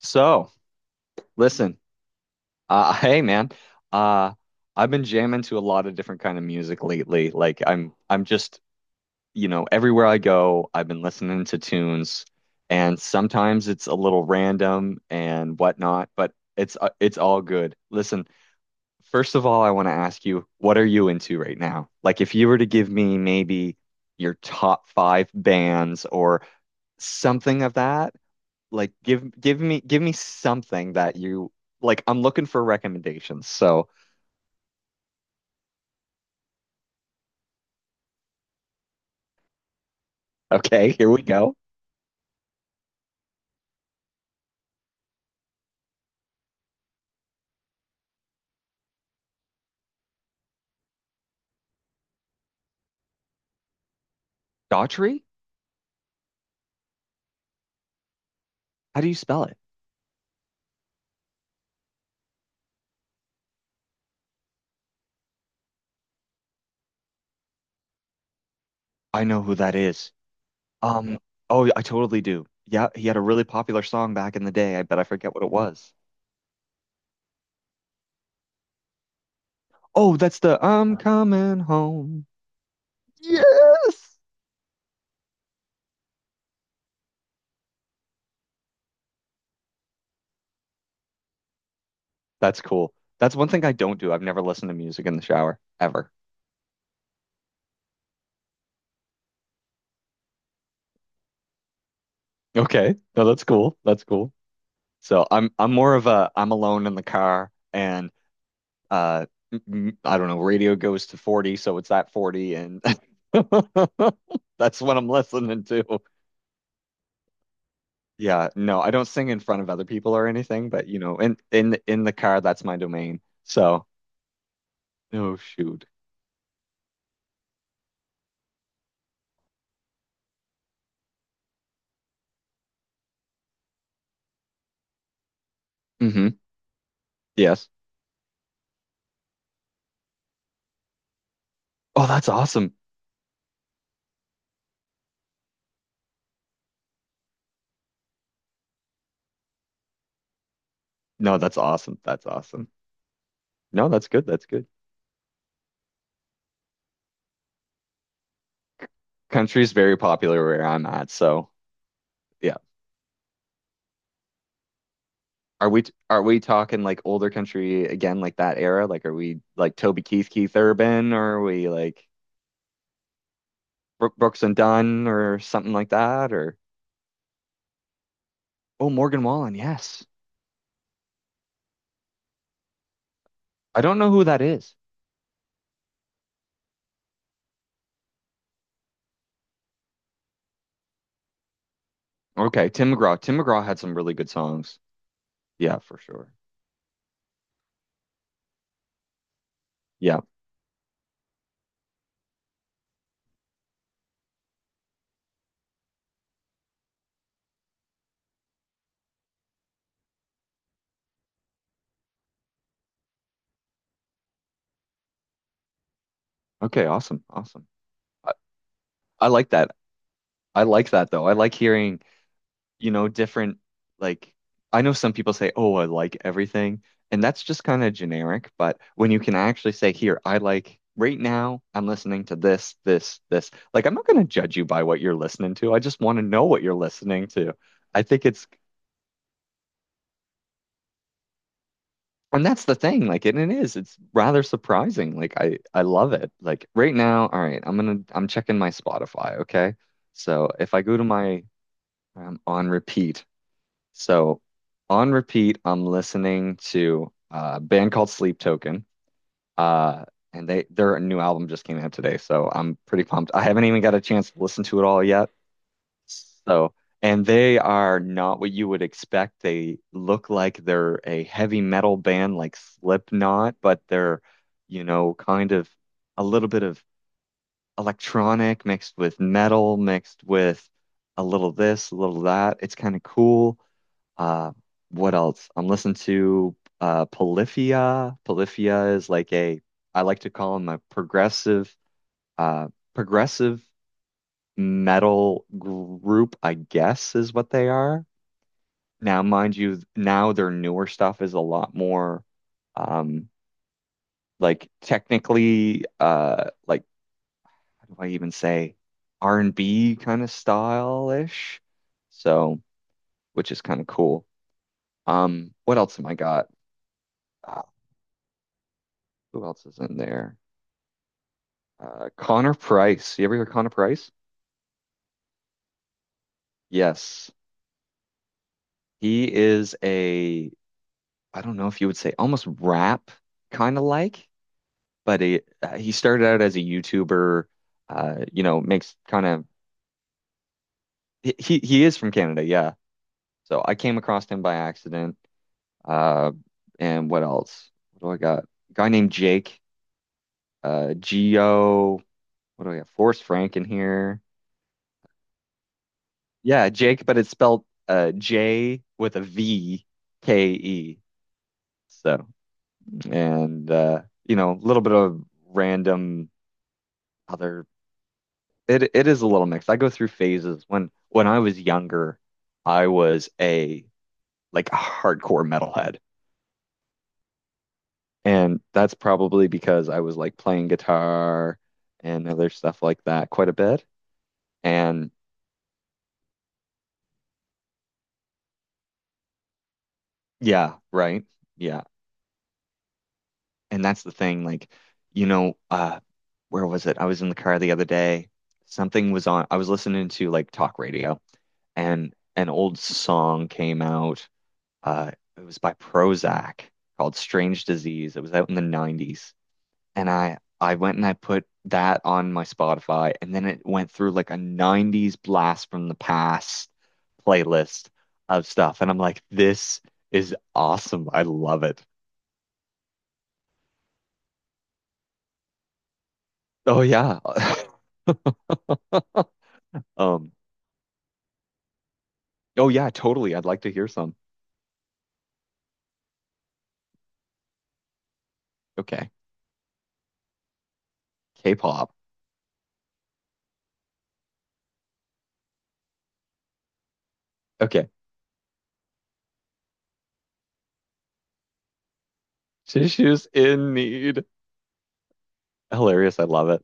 So, listen, hey man, uh, I've been jamming to a lot of different kind of music lately. Like I'm just, everywhere I go, I've been listening to tunes, and sometimes it's a little random and whatnot, but it's all good. Listen, first of all, I want to ask you, what are you into right now? Like, if you were to give me maybe your top five bands or something of that. Like give me something that you like. I'm looking for recommendations. So, okay, here we go. Daughtry? How do you spell it? I know who that is. Um, oh, I totally do. Yeah, he had a really popular song back in the day. I bet I forget what it was. Oh, that's the I'm coming home. Yes. That's cool. That's one thing I don't do. I've never listened to music in the shower ever. Okay. No, that's cool. That's cool. So I'm more of a, I'm alone in the car and uh I don't know, radio goes to 40, so it's that 40 and that's what I'm listening to. Yeah, no, I don't sing in front of other people or anything, but you know, in the car, that's my domain. So, oh shoot. Hmm. Yes. Oh, that's awesome. No, that's awesome. That's awesome. No, that's good. That's good. Country is very popular where I'm at, so yeah. Are we are we talking like older country again, like that era? Like, are we like Toby Keith, Keith Urban, or are we like? Brooks and Dunn or something like that, or oh, Morgan Wallen, yes. I don't know who that is. Okay, Tim McGraw. Tim McGraw had some really good songs. Yeah, for sure. Yeah. Okay, awesome. Awesome. I, I like that. I like that though. I like hearing, you know, different. Like, I know some people say, "Oh, I like everything." And that's just kind of generic, but when you can actually say, "Here, I like, right now I'm listening to this, this, this." Like, I'm not going to judge you by what you're listening to. I just want to know what you're listening to. I think it's, and that's the thing, like, and it is, it's rather surprising. Like, I love it. Like, right now, all right, I'm checking my Spotify, okay? So if I go to my, on repeat. So on repeat, I'm listening to a band called Sleep Token. Uh, and they, their new album just came out today, so I'm pretty pumped. I haven't even got a chance to listen to it all yet. So, and they are not what you would expect. They look like they're a heavy metal band like Slipknot, but they're, kind of a little bit of electronic mixed with metal, mixed with a little this, a little that. It's kind of cool. Uh, what else? I'm listening to Polyphia. Polyphia is like a, I like to call them a uh, progressive metal group, I guess, is what they are. Now, mind you, now their newer stuff is a lot more um like technically like, how do I even say, R&B kind of style-ish. So, which is kind of cool. What else am I got? Uh, who else is in there? Connor Price. You ever hear Connor Price? Yes. He is a, I don't know if you would say almost rap kind of, like, but he started out as a YouTuber, you know, makes kind of, he is from Canada, yeah. So I came across him by accident. Uh, and what else? What do I got? A guy named Jake, Geo. What do I got? Forrest Frank in here. Yeah, Jake, but it's spelled J with a VKE. So and a little bit of random other. It is a little mixed. I go through phases. When I was younger, I was a like a hardcore metalhead. And that's probably because I was, like, playing guitar and other stuff like that quite a bit. And yeah, right. Yeah. And that's the thing, like, you know, where was it? I was in the car the other day. Something was on. I was listening to, like, talk radio and an old song came out. Uh, it was by Prozac called Strange Disease. It was out in the 90s. And I went and I put that on my Spotify, and then it went through like a 90s blast from the past playlist of stuff. And I'm like, this is awesome. I love it. Oh yeah. Um, oh yeah, totally. I'd like to hear some. Okay. K-pop. Okay. Tissues in need. Hilarious. I love it.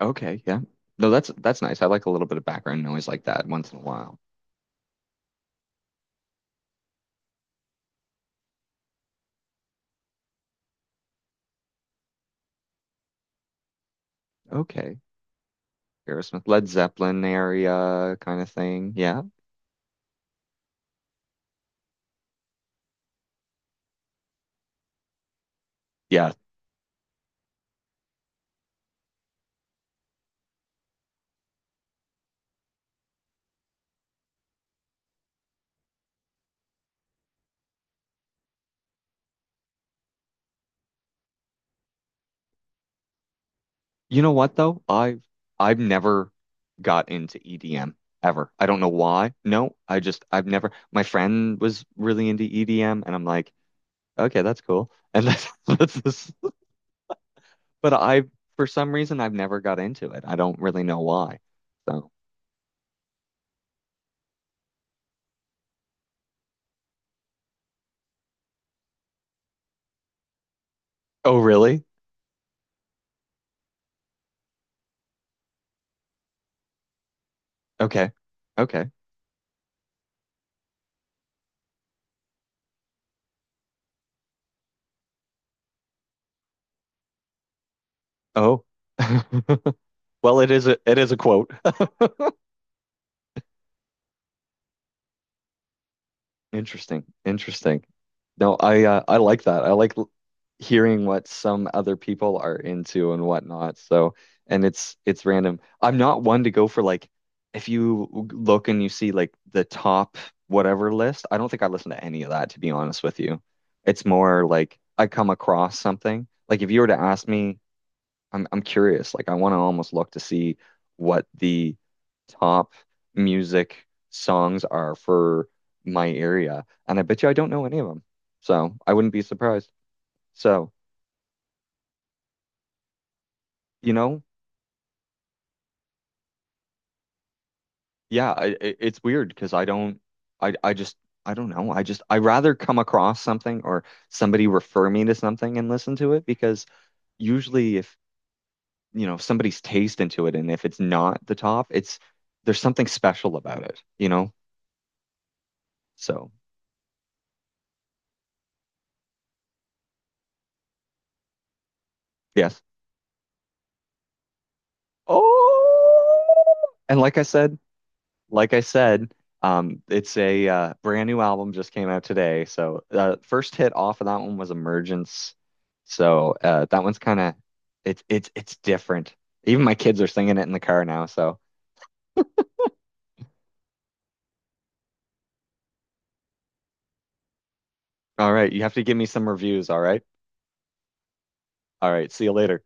Okay, yeah. No, that's nice. I like a little bit of background noise like that once in a while. Okay. Aerosmith, Led Zeppelin area kind of thing. Yeah. Yeah. You know what though? I've never got into EDM ever. I don't know why. No, I just, I've never, my friend was really into EDM and I'm like, okay, that's cool. And that's, that's this, but I, for some reason, I've never got into it. I don't really know why. So, oh really? Okay. Okay. Oh. Well, it is a, it is a quote. Interesting. Interesting. No, I like that. I like hearing what some other people are into and whatnot. So, and it's random. I'm not one to go for, like, if you look and you see like the top whatever list, I don't think I listen to any of that, to be honest with you. It's more like I come across something. Like, if you were to ask me, I'm curious. Like, I want to almost look to see what the top music songs are for my area, and I bet you I don't know any of them. So I wouldn't be surprised. So, you know, yeah, it's weird because I don't, I just, I don't know. I just, I rather come across something or somebody refer me to something and listen to it, because usually if you know somebody's taste into it and if it's not the top, it's, there's something special about it, you know. So. Yes. Oh, and like I said, it's a brand new album just came out today. So the first hit off of that one was Emergence. So that one's kind of, it's different. Even my kids are singing it in the car now. So all right, you have to give me some reviews. All right, all right. See you later.